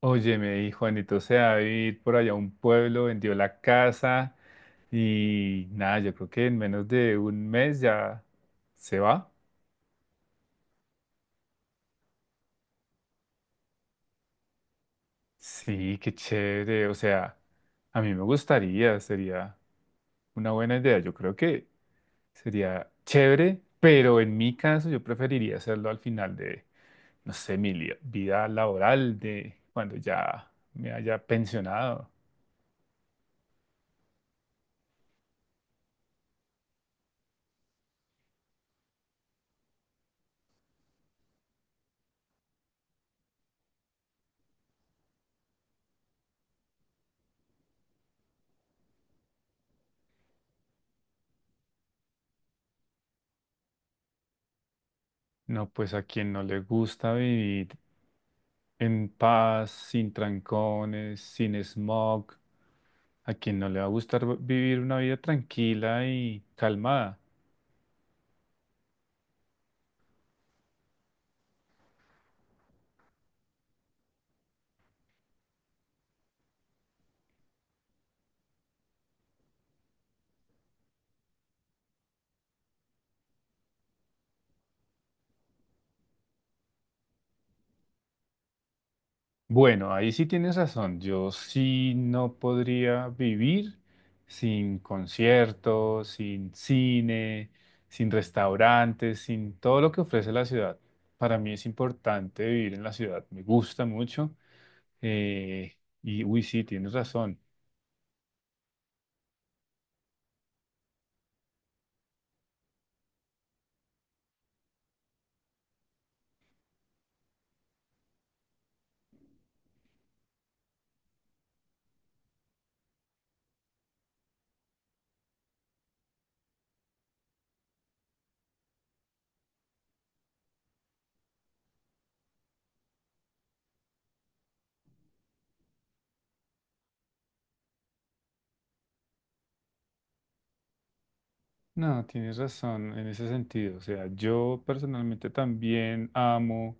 Oye, me dijo Juanito se va a vivir por allá a un pueblo, vendió la casa y nada, yo creo que en menos de un mes ya se va. Sí, qué chévere. O sea, a mí me gustaría, sería una buena idea. Yo creo que sería chévere, pero en mi caso yo preferiría hacerlo al final de, no sé, vida laboral, de cuando ya me haya pensionado. No, pues a quien no le gusta vivir en paz, sin trancones, sin smog. ¿A quien no le va a gustar vivir una vida tranquila y calmada? Bueno, ahí sí tienes razón. Yo sí no podría vivir sin conciertos, sin cine, sin restaurantes, sin todo lo que ofrece la ciudad. Para mí es importante vivir en la ciudad. Me gusta mucho. Uy, sí, tienes razón. No, tienes razón en ese sentido. O sea, yo personalmente también amo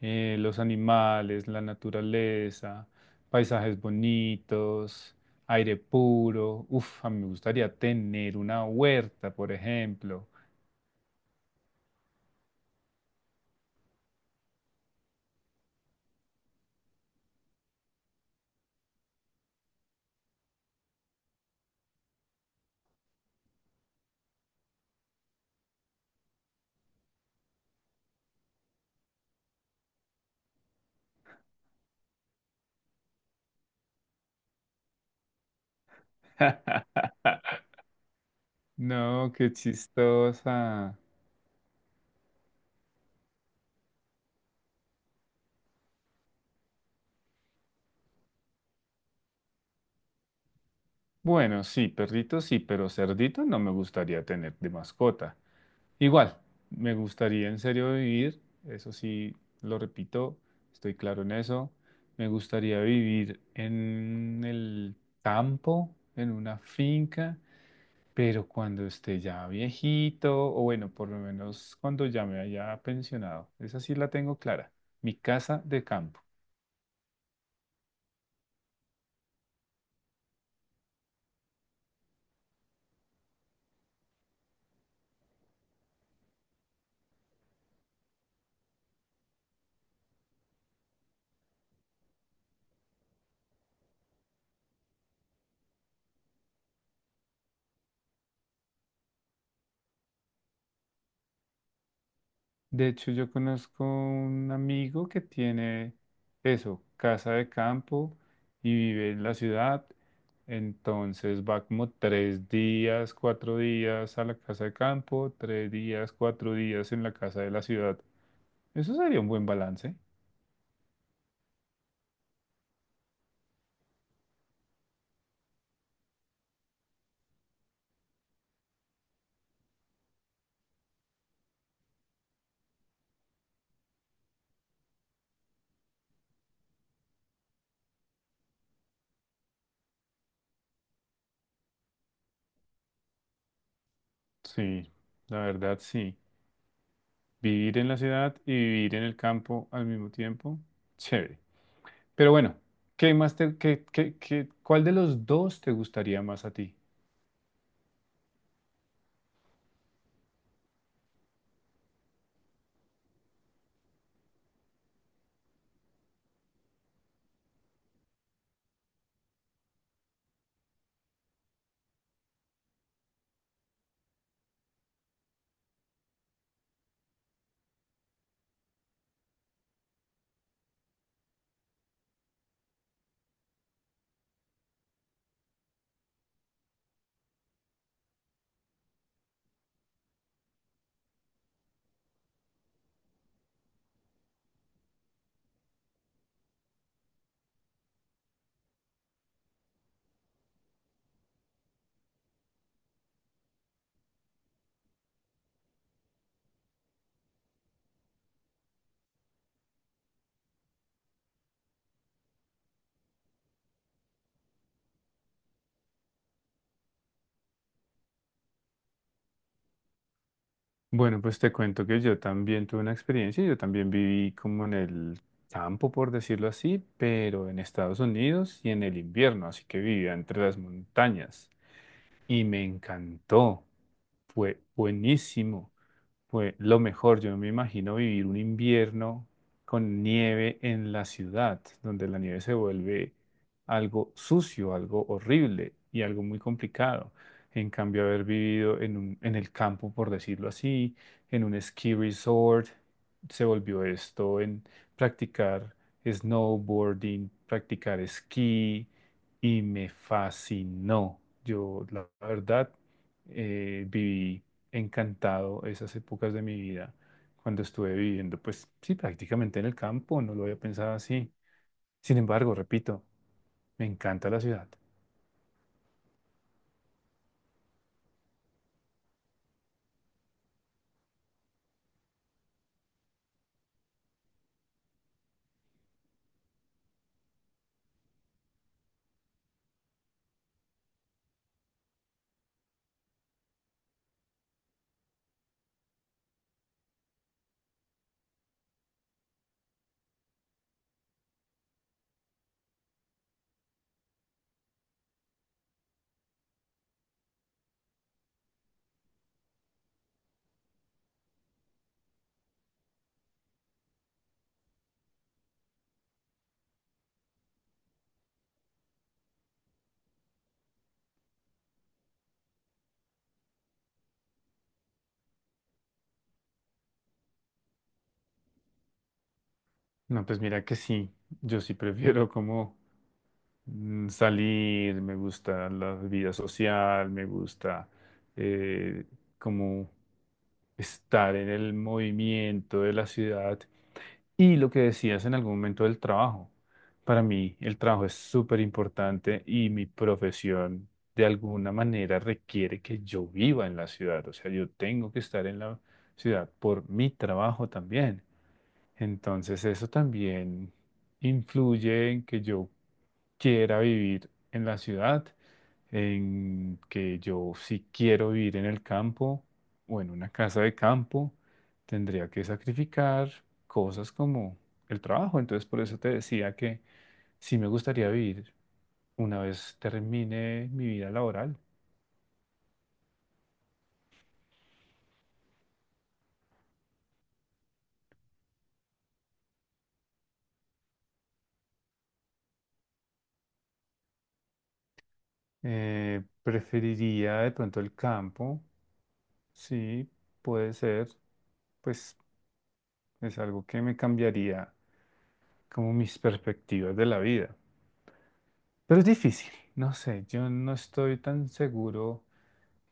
los animales, la naturaleza, paisajes bonitos, aire puro. Uf, a mí me gustaría tener una huerta, por ejemplo. No, qué chistosa. Bueno, sí, perrito sí, pero cerdito no me gustaría tener de mascota. Igual, me gustaría en serio vivir, eso sí, lo repito, estoy claro en eso. Me gustaría vivir en el campo, en una finca, pero cuando esté ya viejito, o bueno, por lo menos cuando ya me haya pensionado. Esa sí la tengo clara, mi casa de campo. De hecho, yo conozco un amigo que tiene eso, casa de campo y vive en la ciudad. Entonces va como tres días, cuatro días a la casa de campo, tres días, cuatro días en la casa de la ciudad. Eso sería un buen balance. Sí, la verdad sí. Vivir en la ciudad y vivir en el campo al mismo tiempo, chévere. Pero bueno, ¿qué más te, cuál de los dos te gustaría más a ti? Bueno, pues te cuento que yo también tuve una experiencia, yo también viví como en el campo, por decirlo así, pero en Estados Unidos y en el invierno, así que vivía entre las montañas y me encantó, fue buenísimo. Fue lo mejor, yo no me imagino vivir un invierno con nieve en la ciudad, donde la nieve se vuelve algo sucio, algo horrible y algo muy complicado. En cambio, haber vivido en en el campo, por decirlo así, en un ski resort, se volvió esto en practicar snowboarding, practicar esquí y me fascinó. Yo, la verdad, viví encantado esas épocas de mi vida cuando estuve viviendo, pues sí, prácticamente en el campo, no lo había pensado así. Sin embargo, repito, me encanta la ciudad. No, pues mira que sí, yo sí prefiero como salir, me gusta la vida social, me gusta eh, como estar en el movimiento de la ciudad. Y lo que decías en algún momento del trabajo. Para mí el trabajo es súper importante y mi profesión de alguna manera requiere que yo viva en la ciudad. O sea, yo tengo que estar en la ciudad por mi trabajo también. Entonces eso también influye en que yo quiera vivir en la ciudad, en que yo si quiero vivir en el campo o en una casa de campo, tendría que sacrificar cosas como el trabajo. Entonces, por eso te decía que sí me gustaría vivir una vez termine mi vida laboral. Preferiría de pronto el campo, sí, puede ser, pues es algo que me cambiaría como mis perspectivas de la vida. Pero es difícil, no sé, yo no estoy tan seguro.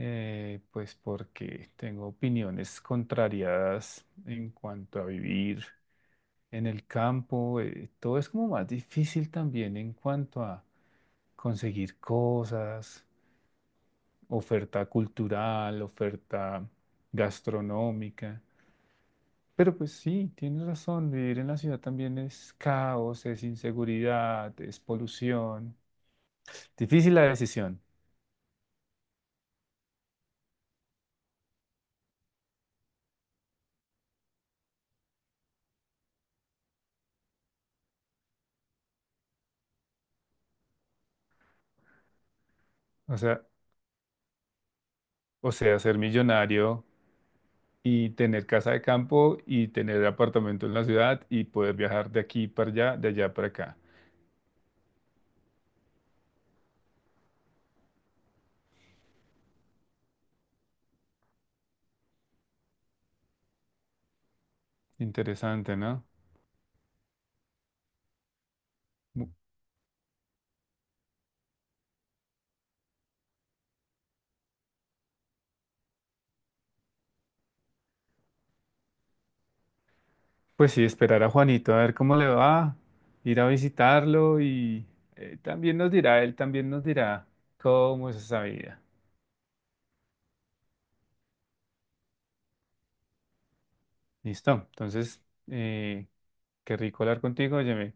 Pues porque tengo opiniones contrariadas en cuanto a vivir en el campo. Todo es como más difícil también en cuanto a conseguir cosas, oferta cultural, oferta gastronómica. Pero pues sí, tienes razón, vivir en la ciudad también es caos, es inseguridad, es polución. Difícil la decisión. O sea, o sea, ser millonario. Y tener casa de campo y tener apartamento en la ciudad y poder viajar de aquí para allá, de allá para acá. Interesante, ¿no? Bu- Pues sí, esperar a Juanito a ver cómo le va, ir a visitarlo y también nos dirá, él también nos dirá cómo es esa vida. Listo, entonces, qué rico hablar contigo, oye